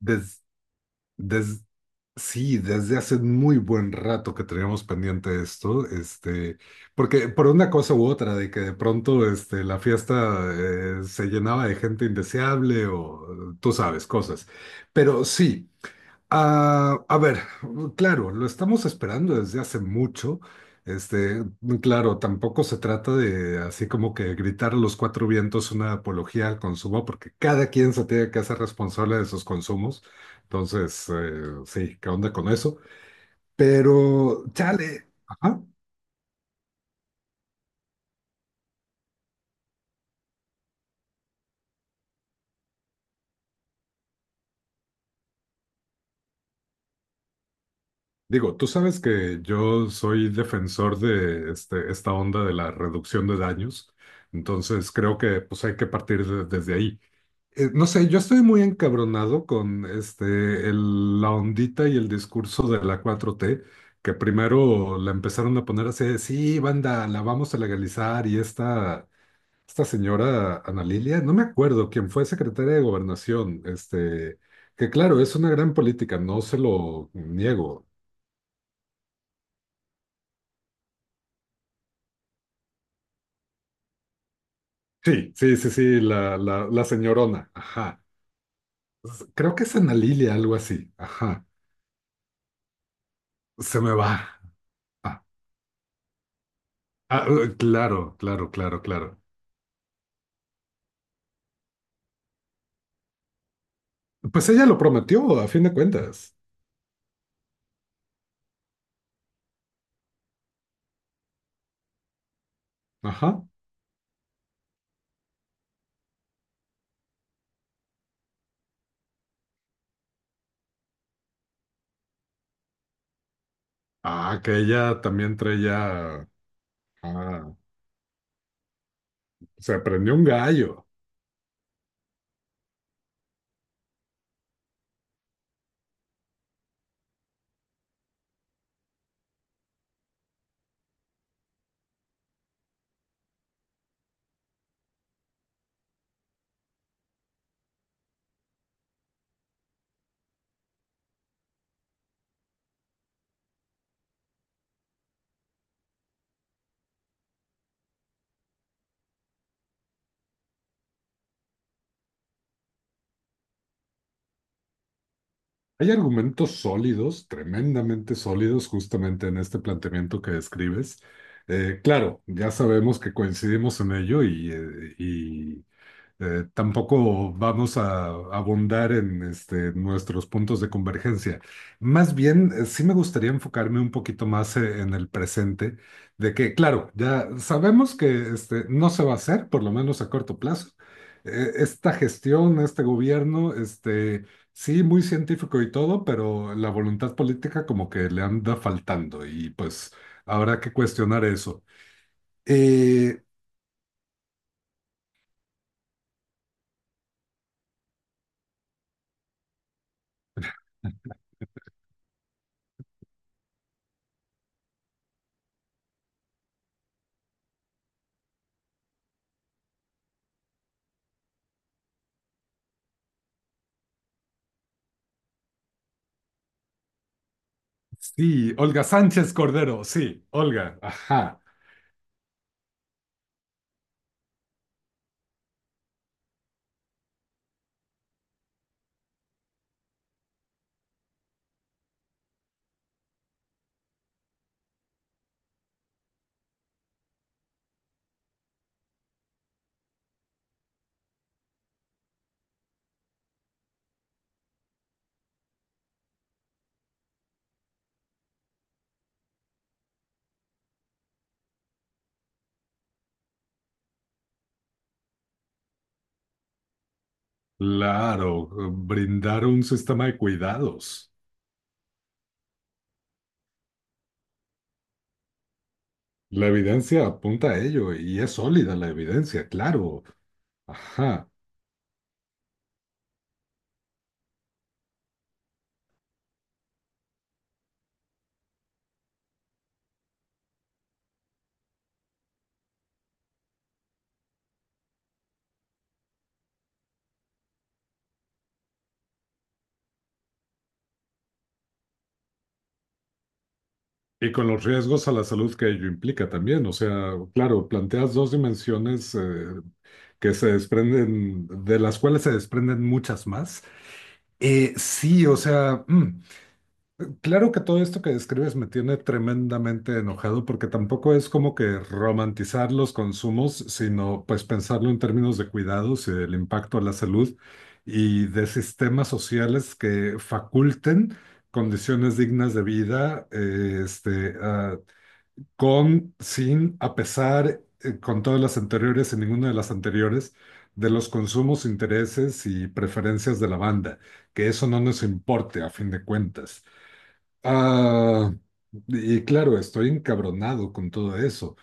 Des, des- sí, desde hace muy buen rato que teníamos pendiente esto, porque por una cosa u otra, de que de pronto la fiesta se llenaba de gente indeseable o tú sabes, cosas. Pero sí. Ah, a ver, claro, lo estamos esperando desde hace mucho. Este, claro, tampoco se trata de así como que gritar a los cuatro vientos una apología al consumo, porque cada quien se tiene que hacer responsable de sus consumos. Entonces, sí, ¿qué onda con eso? Pero, chale, ajá. Digo, tú sabes que yo soy defensor de esta onda de la reducción de daños. Entonces, creo que pues hay que partir desde ahí. No sé, yo estoy muy encabronado con la ondita y el discurso de la 4T, que primero la empezaron a poner así, de, sí, banda, la vamos a legalizar, y esta señora Ana Lilia, no me acuerdo quién fue secretaria de Gobernación, que claro, es una gran política, no se lo niego. Sí, sí, sí, sí, la señorona, ajá. Creo que es Ana Lilia, algo así, ajá. Se me va. Ah, claro, claro, claro, claro. Pues ella lo prometió, a fin de cuentas. Ajá. Ah, que ella también traía. Ah, se prendió un gallo. Hay argumentos sólidos, tremendamente sólidos, justamente en este planteamiento que describes. Claro, ya sabemos que coincidimos en ello y, tampoco vamos a abundar en nuestros puntos de convergencia. Más bien, sí me gustaría enfocarme un poquito más, en el presente, de que, claro, ya sabemos que no se va a hacer, por lo menos a corto plazo. Esta gestión, este gobierno, sí, muy científico y todo, pero la voluntad política como que le anda faltando y pues habrá que cuestionar eso. Eh, Sí, Olga Sánchez Cordero, sí, Olga, ajá, claro, brindar un sistema de cuidados. La evidencia apunta a ello y es sólida la evidencia, claro, ajá. Y con los riesgos a la salud que ello implica también, o sea, claro, planteas dos dimensiones, que se desprenden, de las cuales se desprenden muchas más. Sí, o sea, claro que todo esto que describes me tiene tremendamente enojado porque tampoco es como que romantizar los consumos, sino pues pensarlo en términos de cuidados y del impacto a la salud y de sistemas sociales que faculten condiciones dignas de vida, con, sin, a pesar, con todas las anteriores y ninguna de las anteriores, de los consumos, intereses y preferencias de la banda, que eso no nos importe a fin de cuentas. Ah, y claro, estoy encabronado con todo eso.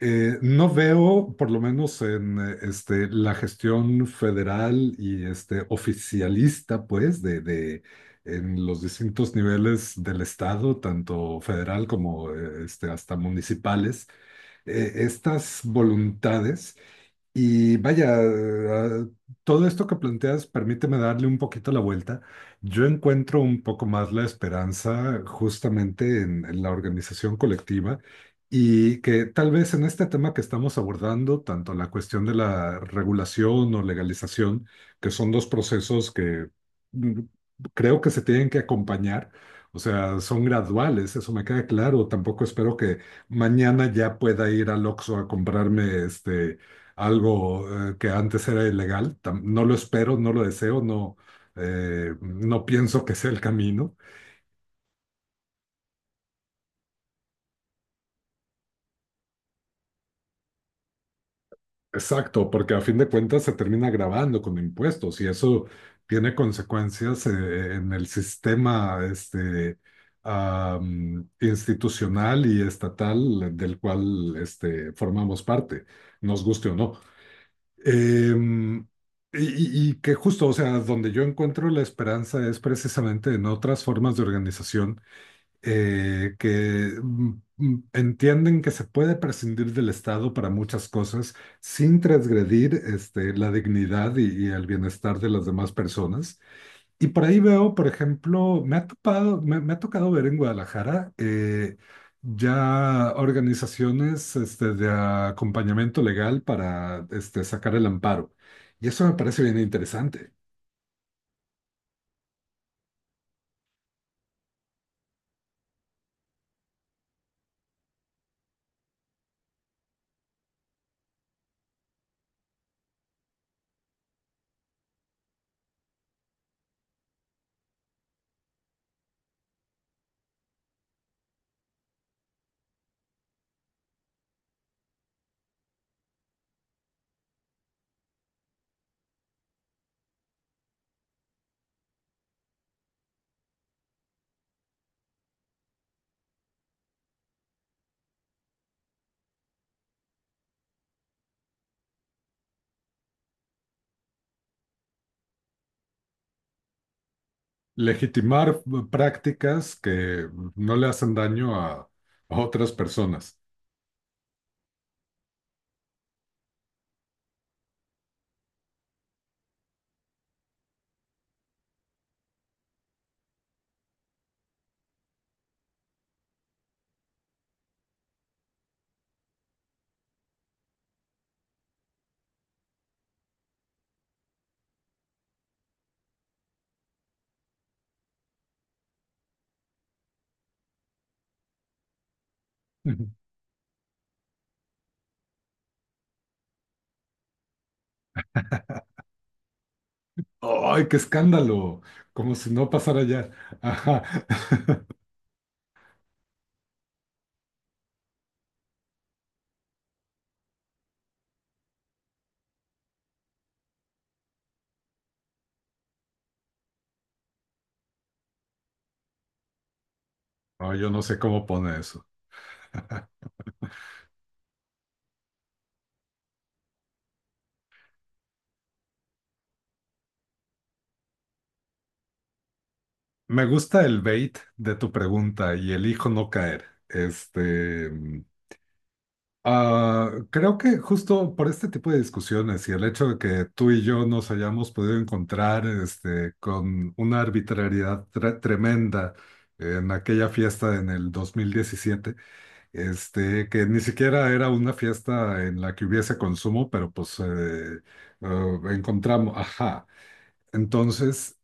No veo, por lo menos en la gestión federal y oficialista, pues, en los distintos niveles del Estado, tanto federal como hasta municipales, estas voluntades y vaya, todo esto que planteas, permíteme darle un poquito la vuelta. Yo encuentro un poco más la esperanza justamente en la organización colectiva y que tal vez en este tema que estamos abordando, tanto la cuestión de la regulación o legalización, que son dos procesos que, mm, creo que se tienen que acompañar. O sea, son graduales, eso me queda claro. Tampoco espero que mañana ya pueda ir al Oxxo a comprarme algo, que antes era ilegal. No lo espero, no lo deseo, no, no pienso que sea el camino. Exacto, porque a fin de cuentas se termina grabando con impuestos y eso tiene consecuencias, en el sistema institucional y estatal del cual formamos parte, nos guste o no. Em, y, y que justo, o sea, donde yo encuentro la esperanza es precisamente en otras formas de organización, que entienden que se puede prescindir del Estado para muchas cosas sin transgredir la dignidad y el bienestar de las demás personas. Y por ahí veo, por ejemplo, me ha topado, me ha tocado ver en Guadalajara, ya organizaciones, de acompañamiento legal para sacar el amparo. Y eso me parece bien interesante. Legitimar prácticas que no le hacen daño a otras personas. Ujú. ¡Ay, qué escándalo! Como si no pasara ya. Ajá. No, yo no sé cómo pone eso. Me gusta el bait de tu pregunta y elijo no caer. Creo que justo por este tipo de discusiones y el hecho de que tú y yo nos hayamos podido encontrar, con una arbitrariedad tremenda en aquella fiesta en el 2017, que ni siquiera era una fiesta en la que hubiese consumo, pero pues encontramos, ajá. Entonces,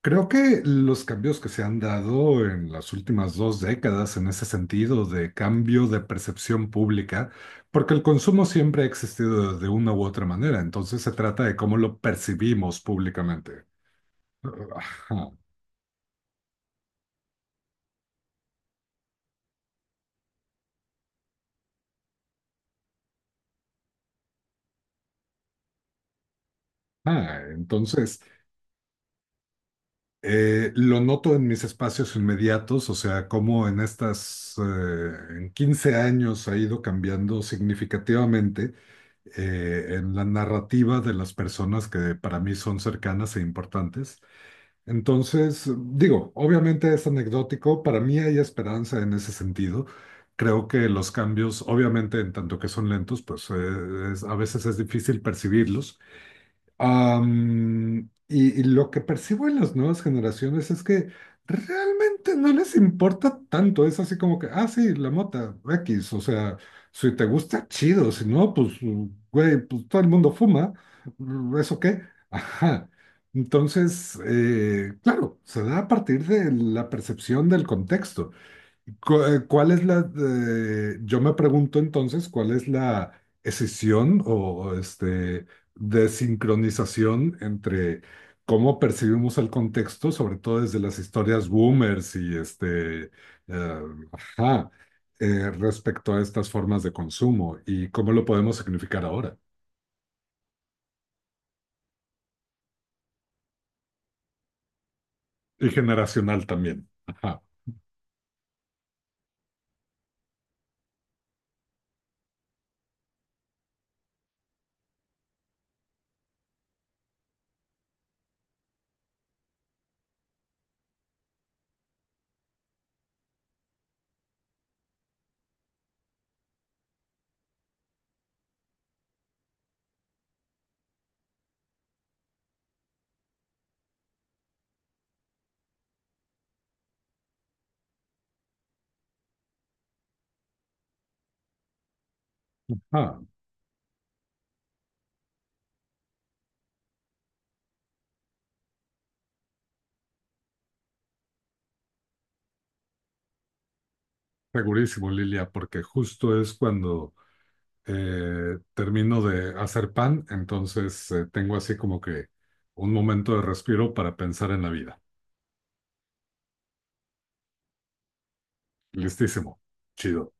creo que los cambios que se han dado en las últimas 2 décadas en ese sentido de cambio de percepción pública, porque el consumo siempre ha existido de una u otra manera, entonces se trata de cómo lo percibimos públicamente. Ajá. Ah, entonces, lo noto en mis espacios inmediatos, o sea, cómo en estas, en 15 años ha ido cambiando significativamente, en la narrativa de las personas que para mí son cercanas e importantes. Entonces, digo, obviamente es anecdótico, para mí hay esperanza en ese sentido. Creo que los cambios, obviamente, en tanto que son lentos, pues a veces es difícil percibirlos. Y lo que percibo en las nuevas generaciones es que realmente no les importa tanto. Es así como que, ah, sí, la mota, X. O sea, si te gusta, chido. Si no, pues, güey, pues todo el mundo fuma. ¿Eso qué? Ajá. Entonces, claro, se da a partir de la percepción del contexto. ¿Cuál es la, yo me pregunto entonces, cuál es la escisión o desincronización entre cómo percibimos el contexto, sobre todo desde las historias boomers y ajá, respecto a estas formas de consumo y cómo lo podemos significar ahora y generacional también? Ajá, ajá, segurísimo, Lilia, porque justo es cuando termino de hacer pan, entonces tengo así como que un momento de respiro para pensar en la vida. Listísimo. Chido.